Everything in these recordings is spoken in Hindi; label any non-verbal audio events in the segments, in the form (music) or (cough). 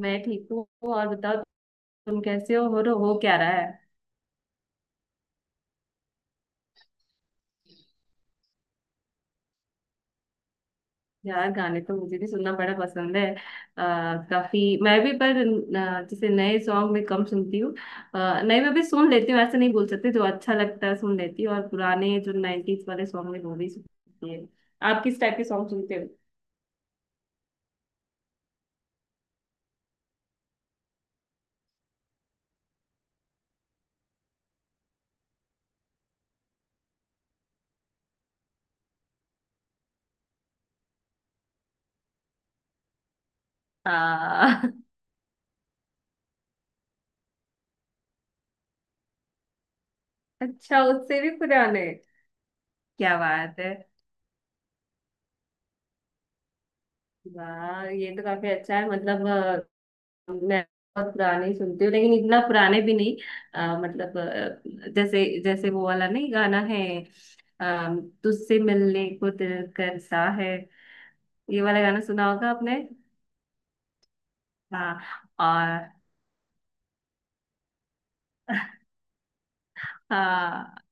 मैं ठीक हूँ। और बताओ, तुम कैसे हो और हो क्या रहा है? यार, गाने तो मुझे भी सुनना बड़ा पसंद है काफी मैं भी। पर जैसे नए सॉन्ग में कम सुनती हूँ। नए में भी सुन लेती हूँ, ऐसे नहीं बोल सकते। जो अच्छा लगता है सुन लेती हूँ, और पुराने जो 90s वाले सॉन्ग है वो भी सुनती है। आप किस टाइप के सॉन्ग सुनते हो? आ, (laughs) अच्छा, उससे भी पुराने? क्या बात है। वाह, ये तो काफी अच्छा है मतलब। मैं बहुत पुराने ही सुनती हूँ, लेकिन इतना पुराने भी नहीं। मतलब जैसे जैसे वो वाला नहीं, गाना है। तुझसे मिलने को दिल करता है, ये वाला गाना सुना होगा आपने? हाँ। और हाँ।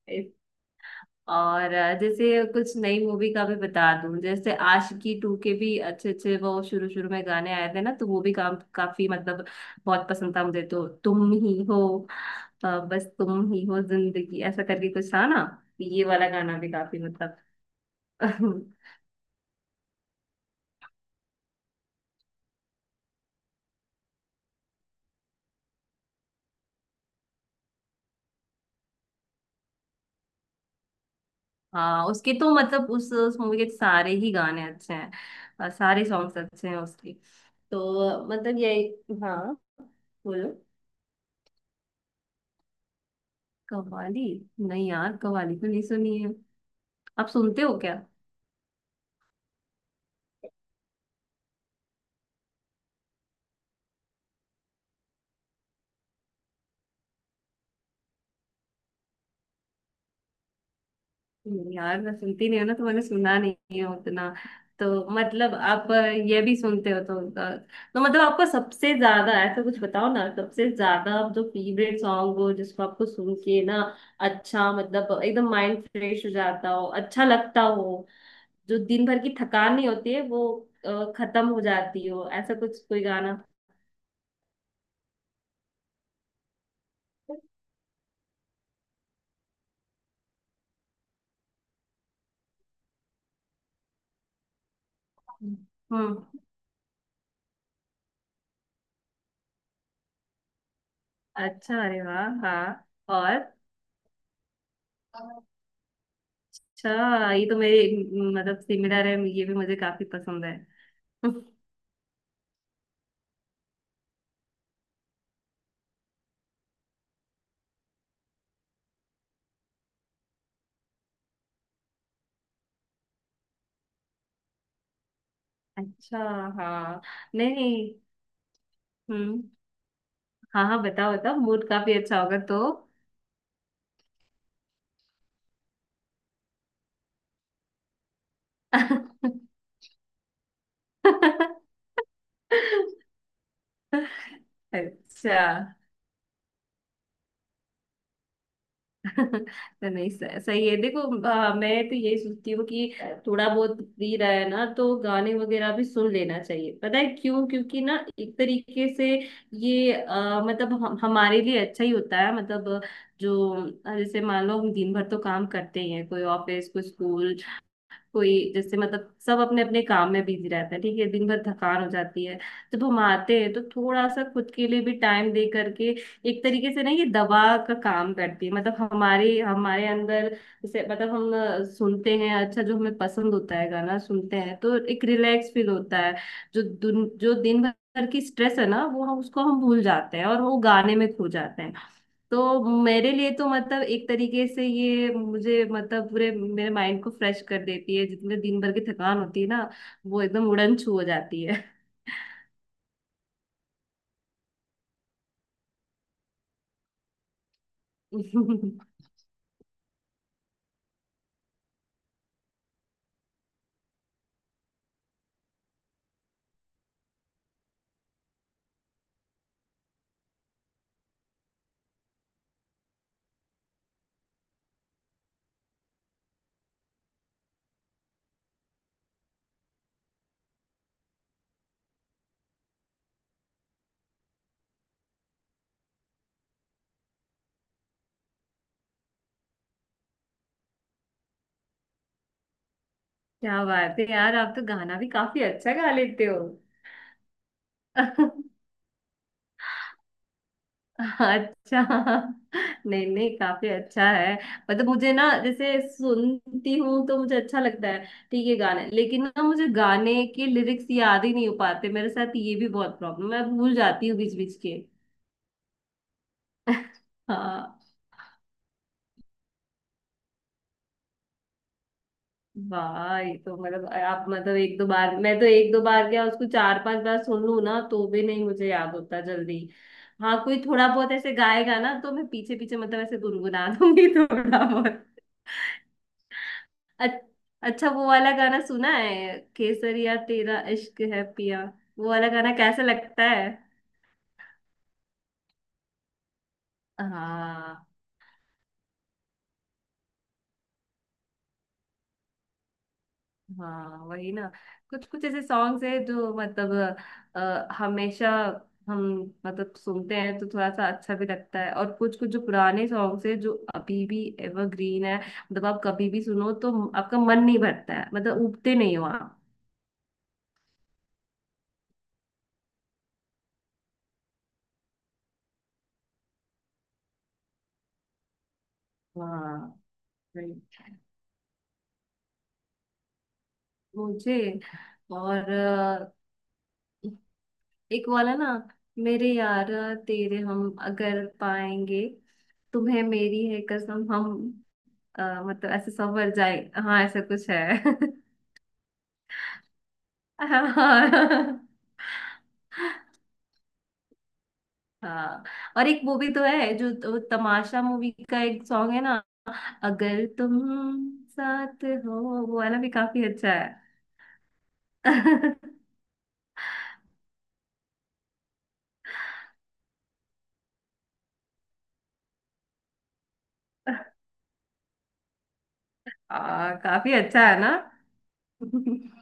और जैसे कुछ नई मूवी का भी बता दूं, जैसे आशिकी टू के भी अच्छे अच्छे वो शुरू शुरू में गाने आए थे ना, तो वो भी काम काफी मतलब बहुत पसंद था मुझे, तो तुम ही हो। बस तुम ही हो जिंदगी, ऐसा करके कुछ था ना। ये वाला गाना भी काफी मतलब। (laughs) हाँ, उसके तो मतलब उस मूवी के सारे ही गाने अच्छे हैं। सारे सॉन्ग्स अच्छे हैं उसके। तो मतलब यही, हाँ। बोलो। कव्वाली? नहीं यार, कव्वाली तो नहीं सुनी है। आप सुनते हो क्या? नहीं यार, मैं सुनती नहीं हूँ ना, तो मैंने सुना नहीं है उतना। तो मतलब आप ये भी सुनते हो तो तो मतलब आपको सबसे ज्यादा ऐसा कुछ बताओ ना, सबसे ज्यादा आप जो फेवरेट सॉन्ग हो जिसको आपको सुन के ना, अच्छा मतलब एकदम माइंड फ्रेश हो जाता हो, अच्छा लगता हो, जो दिन भर की थकान नहीं होती है वो खत्म हो जाती हो, ऐसा कुछ कोई गाना? (laughs) हम्म। अच्छा, अरे वाह, हाँ। और? अच्छा, ये तो मेरी मतलब सिमिलर है, ये भी मुझे काफी पसंद है। (laughs) अच्छा। हाँ। नहीं, नहीं। हम्म। हाँ हाँ, बताओ बताओ, मूड काफी अच्छा होगा तो। (laughs) अच्छा। (laughs) तो नहीं, सही सही है, देखो। मैं तो यही सोचती हूँ कि थोड़ा बहुत फ्री रहा है ना, तो गाने वगैरह भी सुन लेना चाहिए। पता है क्यों? क्योंकि ना एक तरीके से ये मतलब हमारे लिए अच्छा ही होता है, मतलब जो जैसे मान लो हम दिन भर तो काम करते ही हैं, कोई ऑफिस, कोई स्कूल, कोई जैसे मतलब सब अपने अपने काम में बिजी रहता है, ठीक है, दिन भर थकान हो जाती है। जब हम आते हैं तो थोड़ा सा खुद के लिए भी टाइम दे करके एक तरीके से ना ये दवा का काम करती है, मतलब हमारे हमारे अंदर। जैसे मतलब हम सुनते हैं अच्छा, जो हमें पसंद होता है गाना सुनते हैं तो एक रिलैक्स फील होता है। जो दिन भर की स्ट्रेस है ना, वो हम उसको हम भूल जाते हैं और वो गाने में खो जाते हैं। तो मेरे लिए तो मतलब एक तरीके से ये मुझे मतलब पूरे मेरे माइंड को फ्रेश कर देती है, जितने दिन भर की थकान होती है ना, वो एकदम उड़न छू हो जाती है। (laughs) क्या बात है यार, आप तो गाना भी काफी अच्छा गा लेते हो। (laughs) अच्छा। नहीं नहीं, काफी अच्छा है। मतलब मुझे ना, जैसे सुनती हूँ तो मुझे अच्छा लगता है, ठीक है गाने। लेकिन ना मुझे गाने के लिरिक्स याद ही नहीं हो पाते। मेरे साथ ये भी बहुत प्रॉब्लम है, मैं भूल जाती हूँ बीच बीच के। (laughs) हाँ। वाह, ये तो मतलब आप, मतलब एक दो बार, मैं तो एक दो बार क्या, उसको चार पांच बार सुन लूं ना, तो भी नहीं मुझे याद होता जल्दी। हाँ, कोई थोड़ा बहुत ऐसे गाएगा ना तो मैं पीछे पीछे मतलब ऐसे गुनगुना दूंगी (laughs) थोड़ा बहुत। अच- अच्छा, वो वाला गाना सुना है, केसरिया तेरा इश्क है पिया? वो वाला गाना कैसा लगता है? हाँ। हाँ वही ना, कुछ कुछ ऐसे सॉन्ग्स हैं जो मतलब हमेशा हम मतलब सुनते हैं तो थोड़ा सा अच्छा भी लगता है, और कुछ कुछ जो पुराने सॉन्ग्स हैं जो अभी भी एवरग्रीन है, मतलब आप कभी भी सुनो तो आपका मन नहीं भरता है, मतलब उबते नहीं हो आप। हाँ वही। मुझे और एक वाला ना, मेरे यार, तेरे हम अगर पाएंगे, तुम्हें मेरी है कसम हम, मतलब ऐसे संवर जाए, हाँ ऐसा कुछ है। (laughs) हाँ। हाँ, और एक मूवी तो है जो, तो तमाशा मूवी का एक सॉन्ग है ना, अगर तुम साथ हो, वो वाला भी काफी अच्छा है। (laughs) काफी अच्छा है ना? (laughs)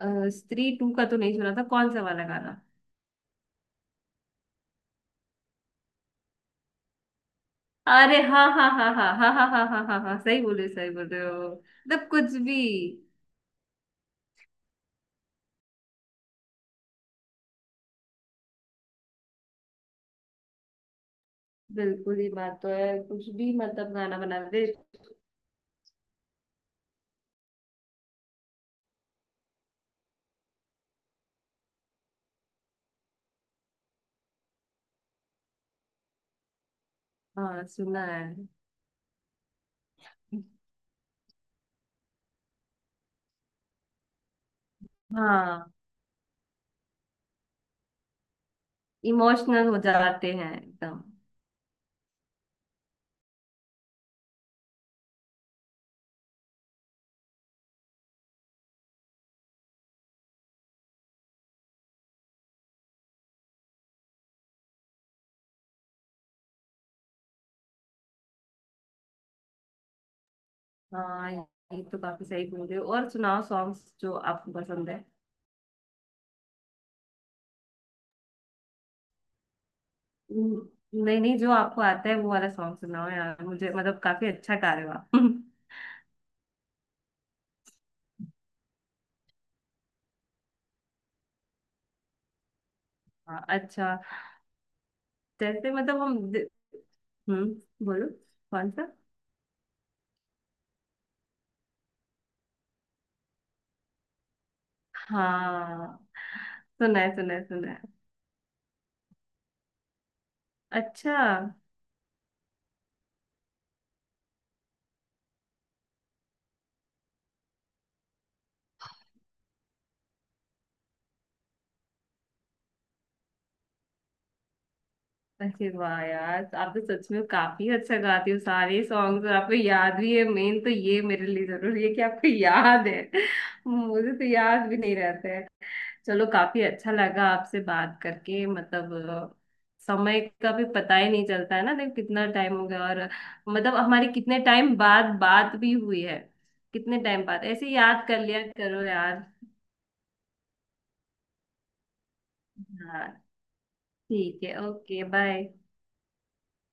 स्त्री टू का तो नहीं सुना था, कौन सा वाला गाना? अरे हाँ हाँ हाँ हाँ हाँ हाँ हाँ हाँ हाँ हाँ, सही बोले, सही बोल रहे हो, मतलब कुछ भी। बिल्कुल, ये बात तो है, कुछ भी मतलब गाना बना दे। हाँ, सुना है। हाँ, इमोशनल हो जाते हैं एकदम। हाँ, ये तो काफी सही बोल रहे हो, और सुनाओ सॉन्ग्स जो आपको पसंद है। न- नहीं नहीं, जो आपको आता है वो वाला सॉन्ग सुनाओ यार मुझे, मतलब काफी अच्छा गा रहे हो आप। (laughs) हाँ, अच्छा। जैसे मतलब हम्म, बोलो, कौन सा? हाँ, सुना है सुना है सुना है। अच्छा। अरे वाह यार, आप तो सच में काफी अच्छा गाती हो सारे सॉन्ग्स, और आपको याद भी है। मेन तो ये मेरे लिए जरूरी है कि आपको याद है। मुझे तो याद भी नहीं रहता है। चलो, काफी अच्छा लगा आपसे बात करके, मतलब समय का भी पता ही नहीं चलता है ना, देखो कितना टाइम हो गया, और मतलब हमारी कितने टाइम बाद बात भी हुई है। कितने टाइम बाद ऐसे याद कर लिया करो यार। हाँ ठीक है, ओके बाय।